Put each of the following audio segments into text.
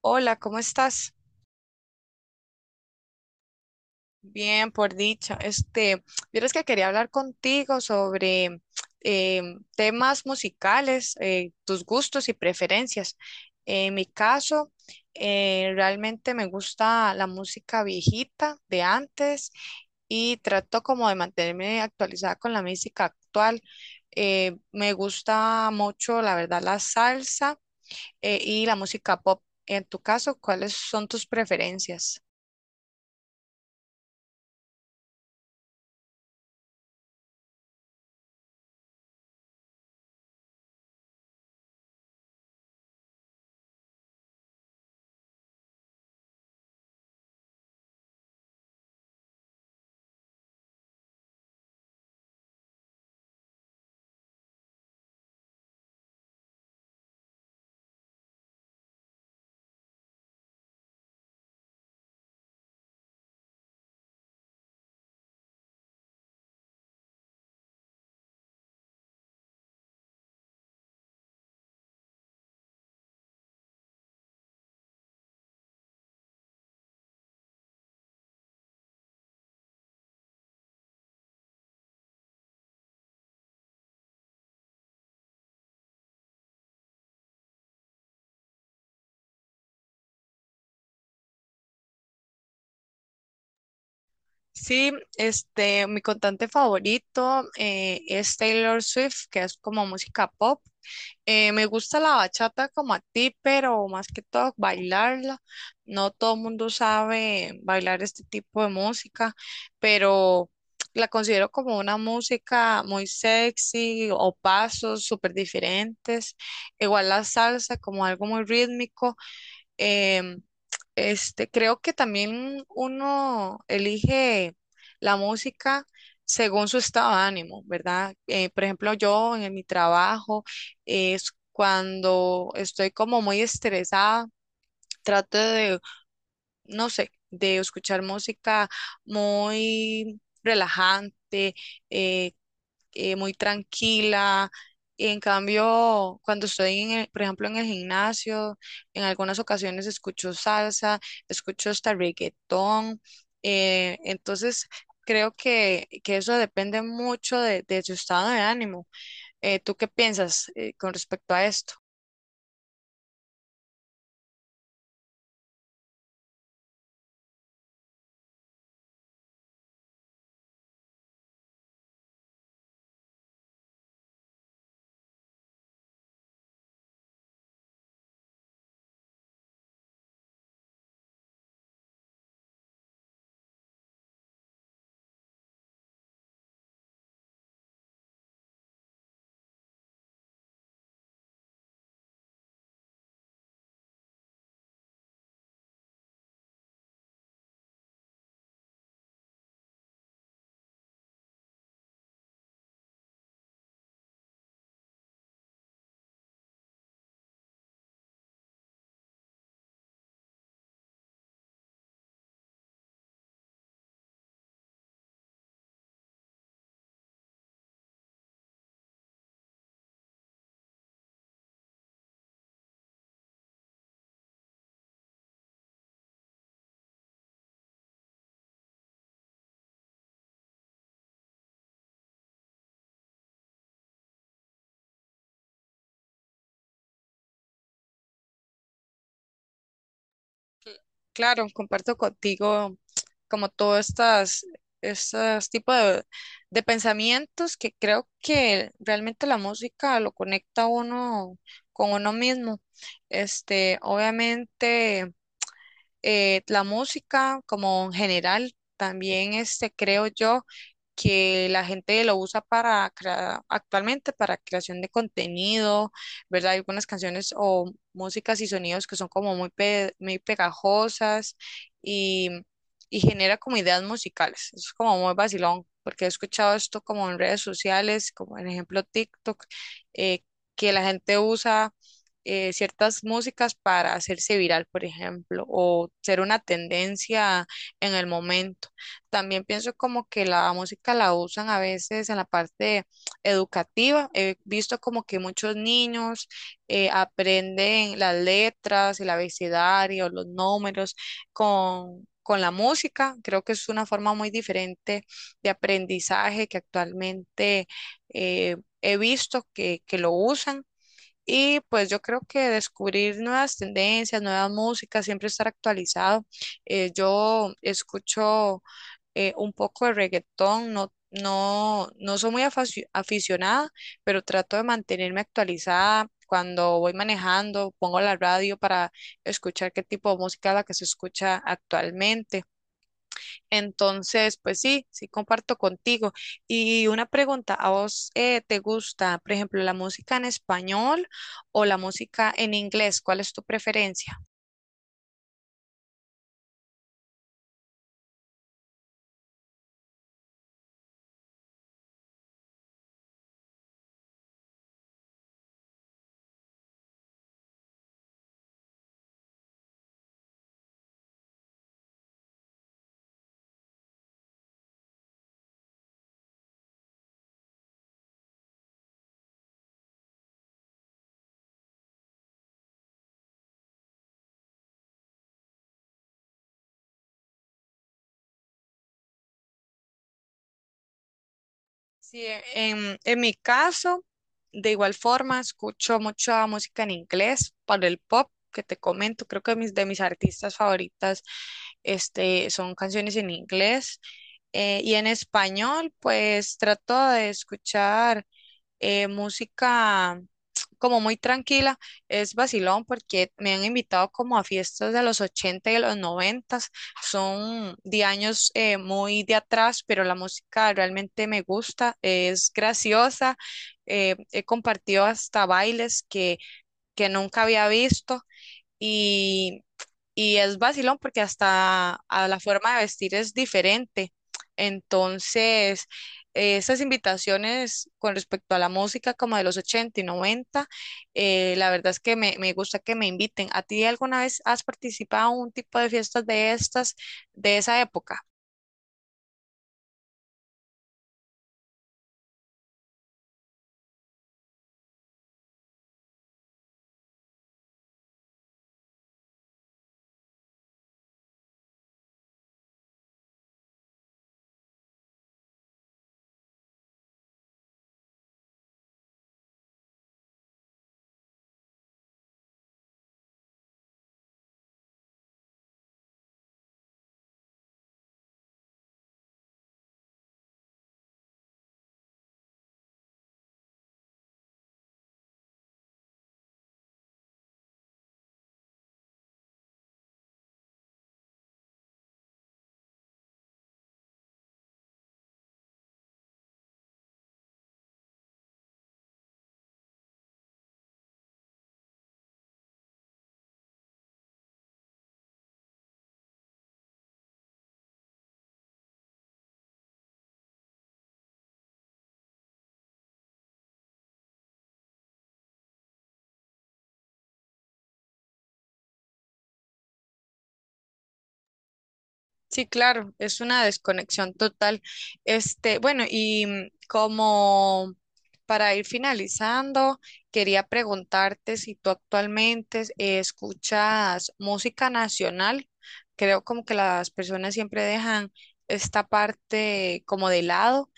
Hola, ¿cómo estás? Bien, por dicha. Vieras que quería hablar contigo sobre temas musicales, tus gustos y preferencias. En mi caso, realmente me gusta la música viejita de antes y trato como de mantenerme actualizada con la música actual. Me gusta mucho, la verdad, la salsa y la música pop. En tu caso, ¿cuáles son tus preferencias? Sí, mi cantante favorito es Taylor Swift, que es como música pop. Me gusta la bachata como a ti, pero más que todo bailarla. No todo el mundo sabe bailar este tipo de música, pero la considero como una música muy sexy o pasos súper diferentes. Igual la salsa como algo muy rítmico. Em, creo que también uno elige la música según su estado de ánimo, ¿verdad? Por ejemplo, yo en mi trabajo es cuando estoy como muy estresada, trato de no sé, de escuchar música muy relajante, eh, muy tranquila. En cambio, cuando estoy, por ejemplo, en el gimnasio, en algunas ocasiones escucho salsa, escucho hasta reggaetón. Entonces, creo que eso depende mucho de su estado de ánimo. ¿Tú qué piensas, con respecto a esto? Claro, comparto contigo como todos estos tipos de pensamientos que creo que realmente la música lo conecta a uno con uno mismo. Este, obviamente la música como en general, también este, creo yo que la gente lo usa para actualmente para creación de contenido, ¿verdad? Hay algunas canciones o músicas y sonidos que son como muy, muy pegajosas y, y genera como ideas musicales. Eso es como muy vacilón, porque he escuchado esto como en redes sociales, como en ejemplo TikTok, eh, que la gente usa ciertas músicas para hacerse viral, por ejemplo, o ser una tendencia en el momento. También pienso como que la música la usan a veces en la parte educativa. He visto como que muchos niños aprenden las letras, el abecedario, los números con la música, creo que es una forma muy diferente de aprendizaje que actualmente eh, he visto que lo usan. Y pues yo creo que descubrir nuevas tendencias, nuevas músicas, siempre estar actualizado. Yo escucho un poco de reggaetón, no soy muy aficionada, pero trato de mantenerme actualizada. Cuando voy manejando, pongo la radio para escuchar qué tipo de música es la que se escucha actualmente. Entonces, pues sí, sí comparto contigo. Y una pregunta, ¿a vos te gusta, por ejemplo, la música en español o la música en inglés? ¿Cuál es tu preferencia? Sí, en mi caso, de igual forma, escucho mucha música en inglés para el pop que te comento. Creo que de mis artistas favoritas este, son canciones en inglés. Y en español, pues trato de escuchar música como muy tranquila, es vacilón porque me han invitado como a fiestas de los 80 y de los 90, son de años muy de atrás, pero la música realmente me gusta, es graciosa, he compartido hasta bailes que nunca había visto. Y y es vacilón porque hasta a la forma de vestir es diferente. Entonces, esas invitaciones con respecto a la música como de los 80 y 90 la verdad es que me gusta que me inviten. ¿A ti alguna vez has participado en un tipo de fiestas de estas, de esa época? Sí, claro, es una desconexión total. Este, bueno, y mm, como para ir finalizando, quería preguntarte si tú actualmente escuchas música nacional. Creo como que las personas siempre dejan esta parte como de lado.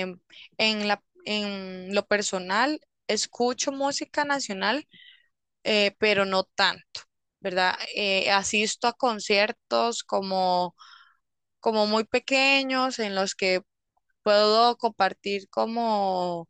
Em, en en lo personal, escucho música nacional, pero no tanto, ¿verdad? Asisto a conciertos como muy pequeños en los que puedo compartir como,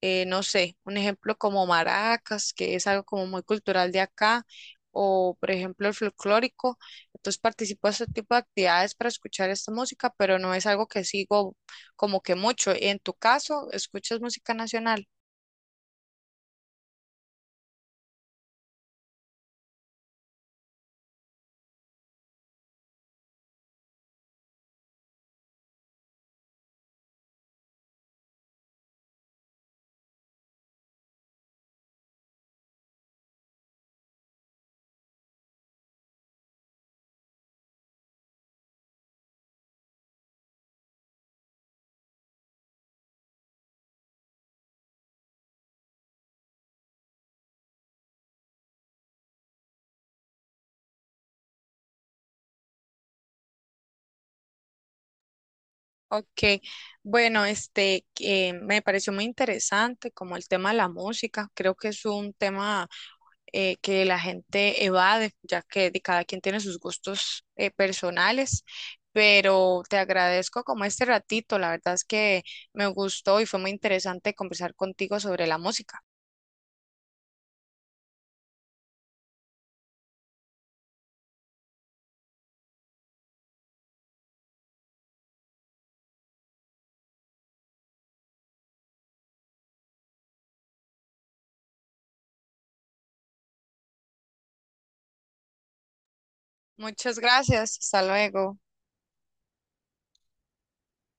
no sé, un ejemplo como maracas, que es algo como muy cultural de acá, o por ejemplo el folclórico. Entonces participo de este tipo de actividades para escuchar esta música, pero no es algo que sigo como que mucho. En tu caso, ¿escuchas música nacional? Ok, bueno, este me pareció muy interesante como el tema de la música. Creo que es un tema que la gente evade, ya que cada quien tiene sus gustos personales. Pero te agradezco como este ratito, la verdad es que me gustó y fue muy interesante conversar contigo sobre la música. Muchas gracias, hasta luego.